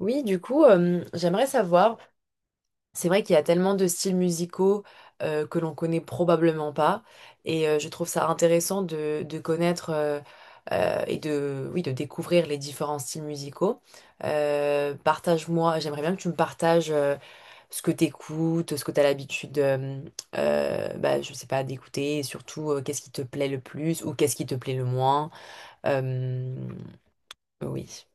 Oui, du coup, j'aimerais savoir, c'est vrai qu'il y a tellement de styles musicaux que l'on connaît probablement pas, et je trouve ça intéressant de connaître et de, oui, de découvrir les différents styles musicaux. Partage-moi, j'aimerais bien que tu me partages ce que tu écoutes, ce que tu as l'habitude, bah, je sais pas, d'écouter, et surtout qu'est-ce qui te plaît le plus ou qu'est-ce qui te plaît le moins. Euh, oui.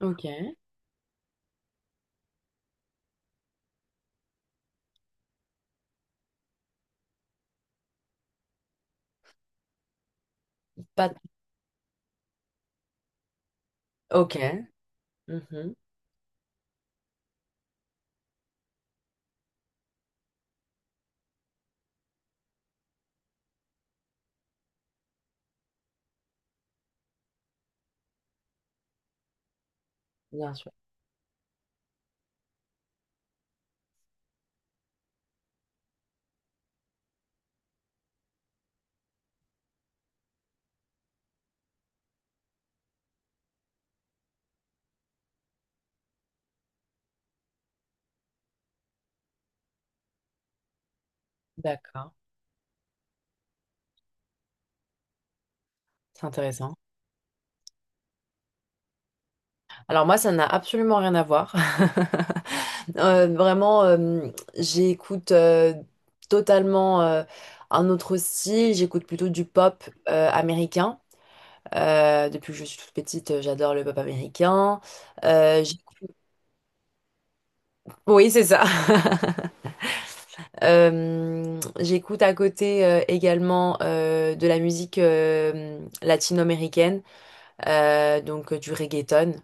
Ok. Pas... Ok. Mhm. Bien sûr. D'accord, c'est intéressant. Alors moi, ça n'a absolument rien à voir. Euh, vraiment, euh, j'écoute totalement un autre style. J'écoute plutôt du pop américain. Depuis que je suis toute petite, j'adore le pop américain. Euh, j'éc- oui, c'est ça. J'écoute à côté également de la musique latino-américaine, du reggaeton.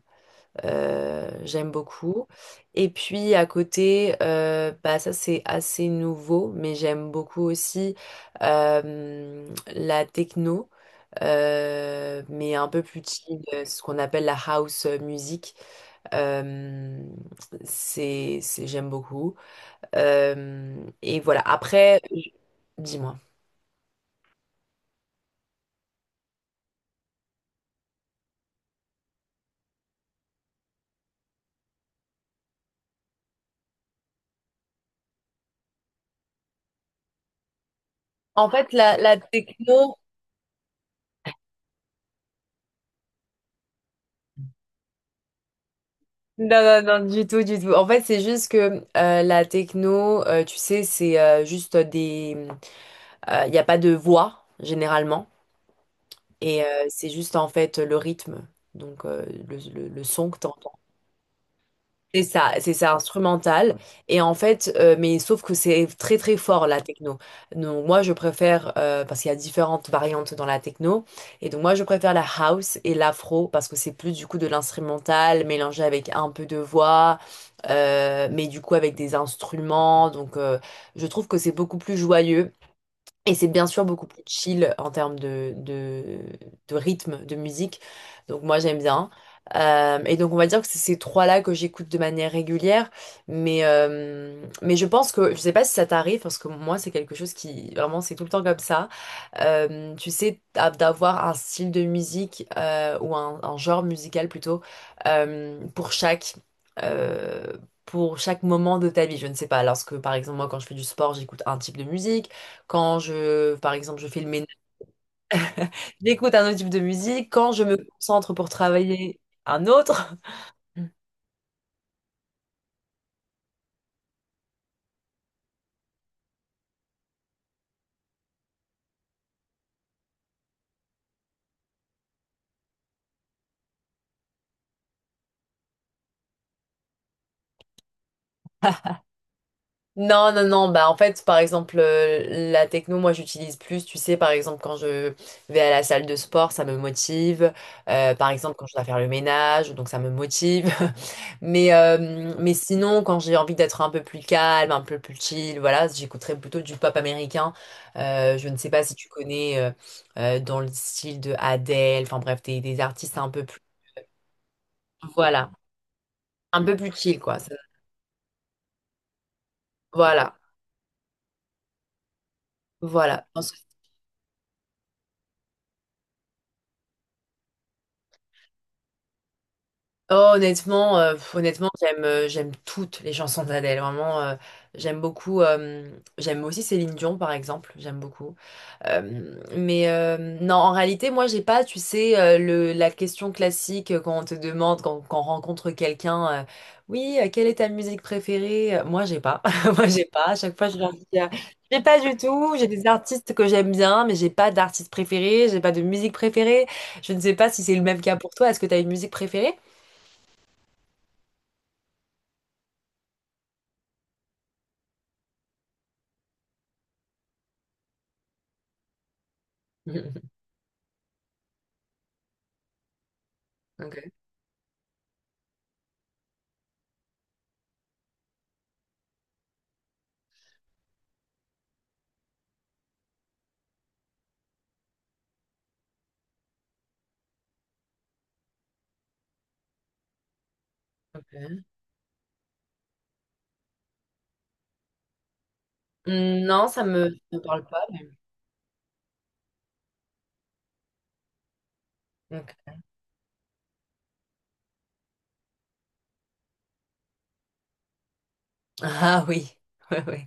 J'aime beaucoup. Et puis à côté, bah ça c'est assez nouveau, mais j'aime beaucoup aussi euh, la techno, mais un peu plus chill, ce qu'on appelle la house music. Euh, j'aime beaucoup. Euh, et voilà. Dis-moi. En fait, la techno, non, non, non, du tout, du tout. En fait, c'est juste que la techno, tu sais, c'est juste des, il n'y a pas de voix, généralement. Et c'est juste, en fait, le rythme. Donc, le son que tu entends. C'est ça, instrumental. Et en fait, mais sauf que c'est très, très fort, la techno. Donc, moi, je préfère, parce qu'il y a différentes variantes dans la techno. Et donc, moi, je préfère la house et l'afro, parce que c'est plus, du coup, de l'instrumental mélangé avec un peu de voix, mais du coup, avec des instruments. Donc, je trouve que c'est beaucoup plus joyeux. Et c'est bien sûr beaucoup plus chill en termes de rythme, de musique. Donc moi j'aime bien. Et donc on va dire que c'est ces trois-là que j'écoute de manière régulière. Mais je pense que, je sais pas si ça t'arrive, parce que moi c'est quelque chose qui, vraiment c'est tout le temps comme ça tu sais, d'avoir un style de musique ou un genre musical plutôt euh, pour chaque euh, pour chaque moment de ta vie. Je ne sais pas, lorsque par exemple moi quand je fais du sport, j'écoute un type de musique. Quand je par exemple je fais le ménage, j'écoute un autre type de musique. Quand je me concentre pour travailler, un autre. Non, non, non, bah en fait, par exemple, la techno, moi j'utilise plus, tu sais, par exemple, quand je vais à la salle de sport, ça me motive. Par exemple, quand je dois faire le ménage, donc ça me motive, mais sinon, quand j'ai envie d'être un peu plus calme, un peu plus chill, voilà, j'écouterais plutôt du pop américain. Je ne sais pas si tu connais dans le style de Adele, enfin bref, des artistes un peu plus, voilà, un peu plus chill, quoi. Voilà, voilà. Oh, honnêtement, honnêtement, j'aime toutes les chansons d'Adèle. Vraiment, j'aime beaucoup. J'aime aussi Céline Dion, par exemple. J'aime beaucoup. Mais non, en réalité, moi, j'ai pas, tu sais, la question classique quand on te demande, quand, quand on rencontre quelqu'un, oui, quelle est ta musique préférée? Moi, j'ai pas. Moi, j'ai pas. À chaque fois, je leur dis, j'ai pas du tout. J'ai des artistes que j'aime bien, mais j'ai pas d'artiste préféré. J'ai pas de musique préférée. Je ne sais pas si c'est le même cas pour toi. Est-ce que tu as une musique préférée? Ok. ok. Non, ça me parle pas. Mais- ok. Ah oui, ouais, ouais.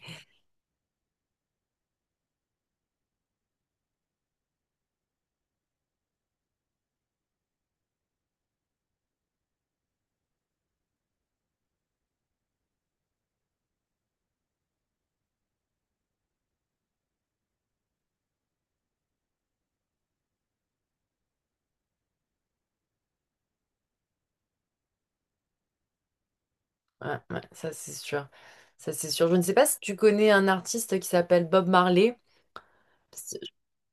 Ouais, ouais, ça c'est sûr. Ça c'est sûr. Je ne sais pas si tu connais un artiste qui s'appelle Bob Marley. Je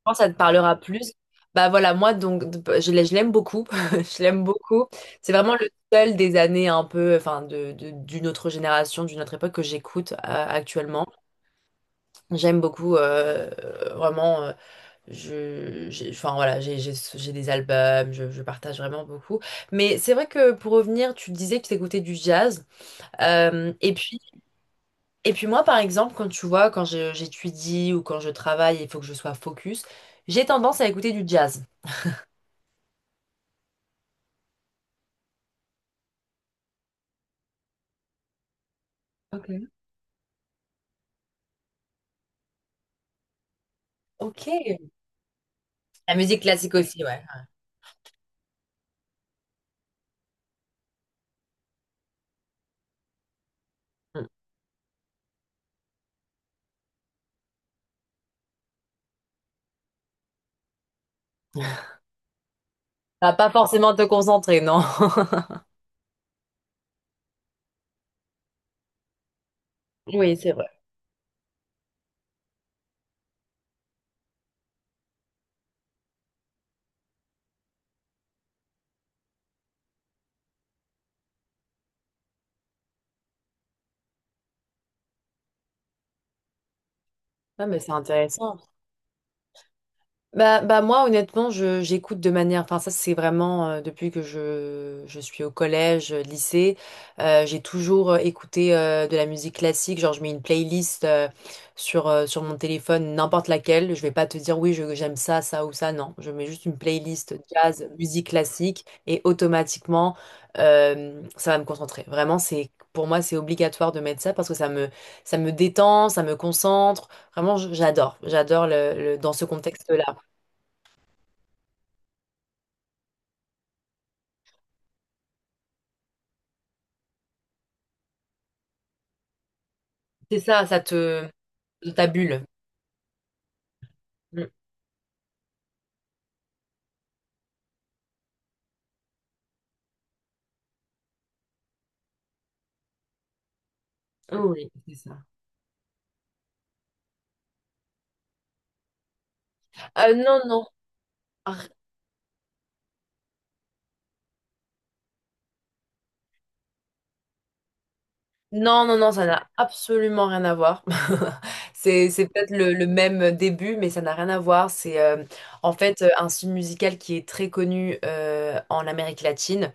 pense que ça te parlera plus. Bah voilà, moi donc je l'aime beaucoup. Je l'aime beaucoup. C'est vraiment le seul des années un peu, enfin de, d'une autre génération, d'une autre époque que j'écoute actuellement. J'aime beaucoup vraiment. Je, j'ai, enfin voilà, j'ai des albums, je partage vraiment beaucoup. Mais c'est vrai que pour revenir, tu disais que tu écoutais du jazz. Et puis, et puis moi, par exemple, quand tu vois, quand j'étudie ou quand je travaille, il faut que je sois focus, j'ai tendance à écouter du jazz. Ok. Ok. La musique classique aussi, ouais. Mm. Ça va pas forcément te concentrer, non? Oui, c'est vrai. Ah, mais c'est intéressant. Bah, bah moi honnêtement je j'écoute de manière enfin ça c'est vraiment depuis que je suis au collège lycée j'ai toujours écouté de la musique classique genre je mets une playlist sur sur mon téléphone n'importe laquelle je vais pas te dire oui j'aime ça ça ou ça non je mets juste une playlist jazz musique classique et automatiquement ça va me concentrer vraiment c'est pour moi c'est obligatoire de mettre ça parce que ça me détend ça me concentre vraiment j'adore j'adore dans ce contexte-là. C'est ça, ça te... dans ta bulle. Mm. Oui, c'est ça. Non, non. Ar- Non, non, non, ça n'a absolument rien à voir. C'est peut-être le même début, mais ça n'a rien à voir. C'est en fait un style musical qui est très connu en Amérique latine.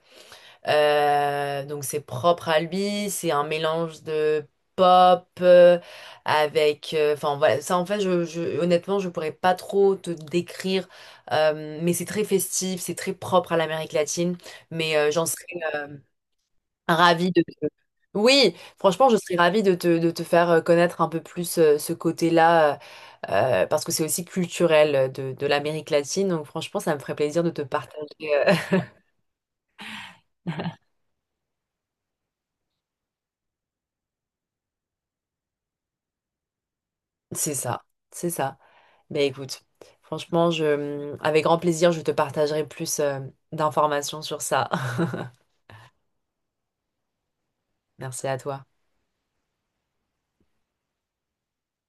Donc c'est propre à lui, c'est un mélange de pop avec... Enfin voilà, ça en fait, honnêtement, je pourrais pas trop te décrire, mais c'est très festif, c'est très propre à l'Amérique latine, mais j'en serais euh, ravie de te... Oui, franchement, je serais ravie de te faire connaître un peu plus ce côté-là, parce que c'est aussi culturel de l'Amérique latine, donc franchement, ça me ferait plaisir de te partager. euh, C'est ça, c'est ça. Ben écoute, franchement, je, avec grand plaisir, je te partagerai plus d'informations sur ça. Merci à toi.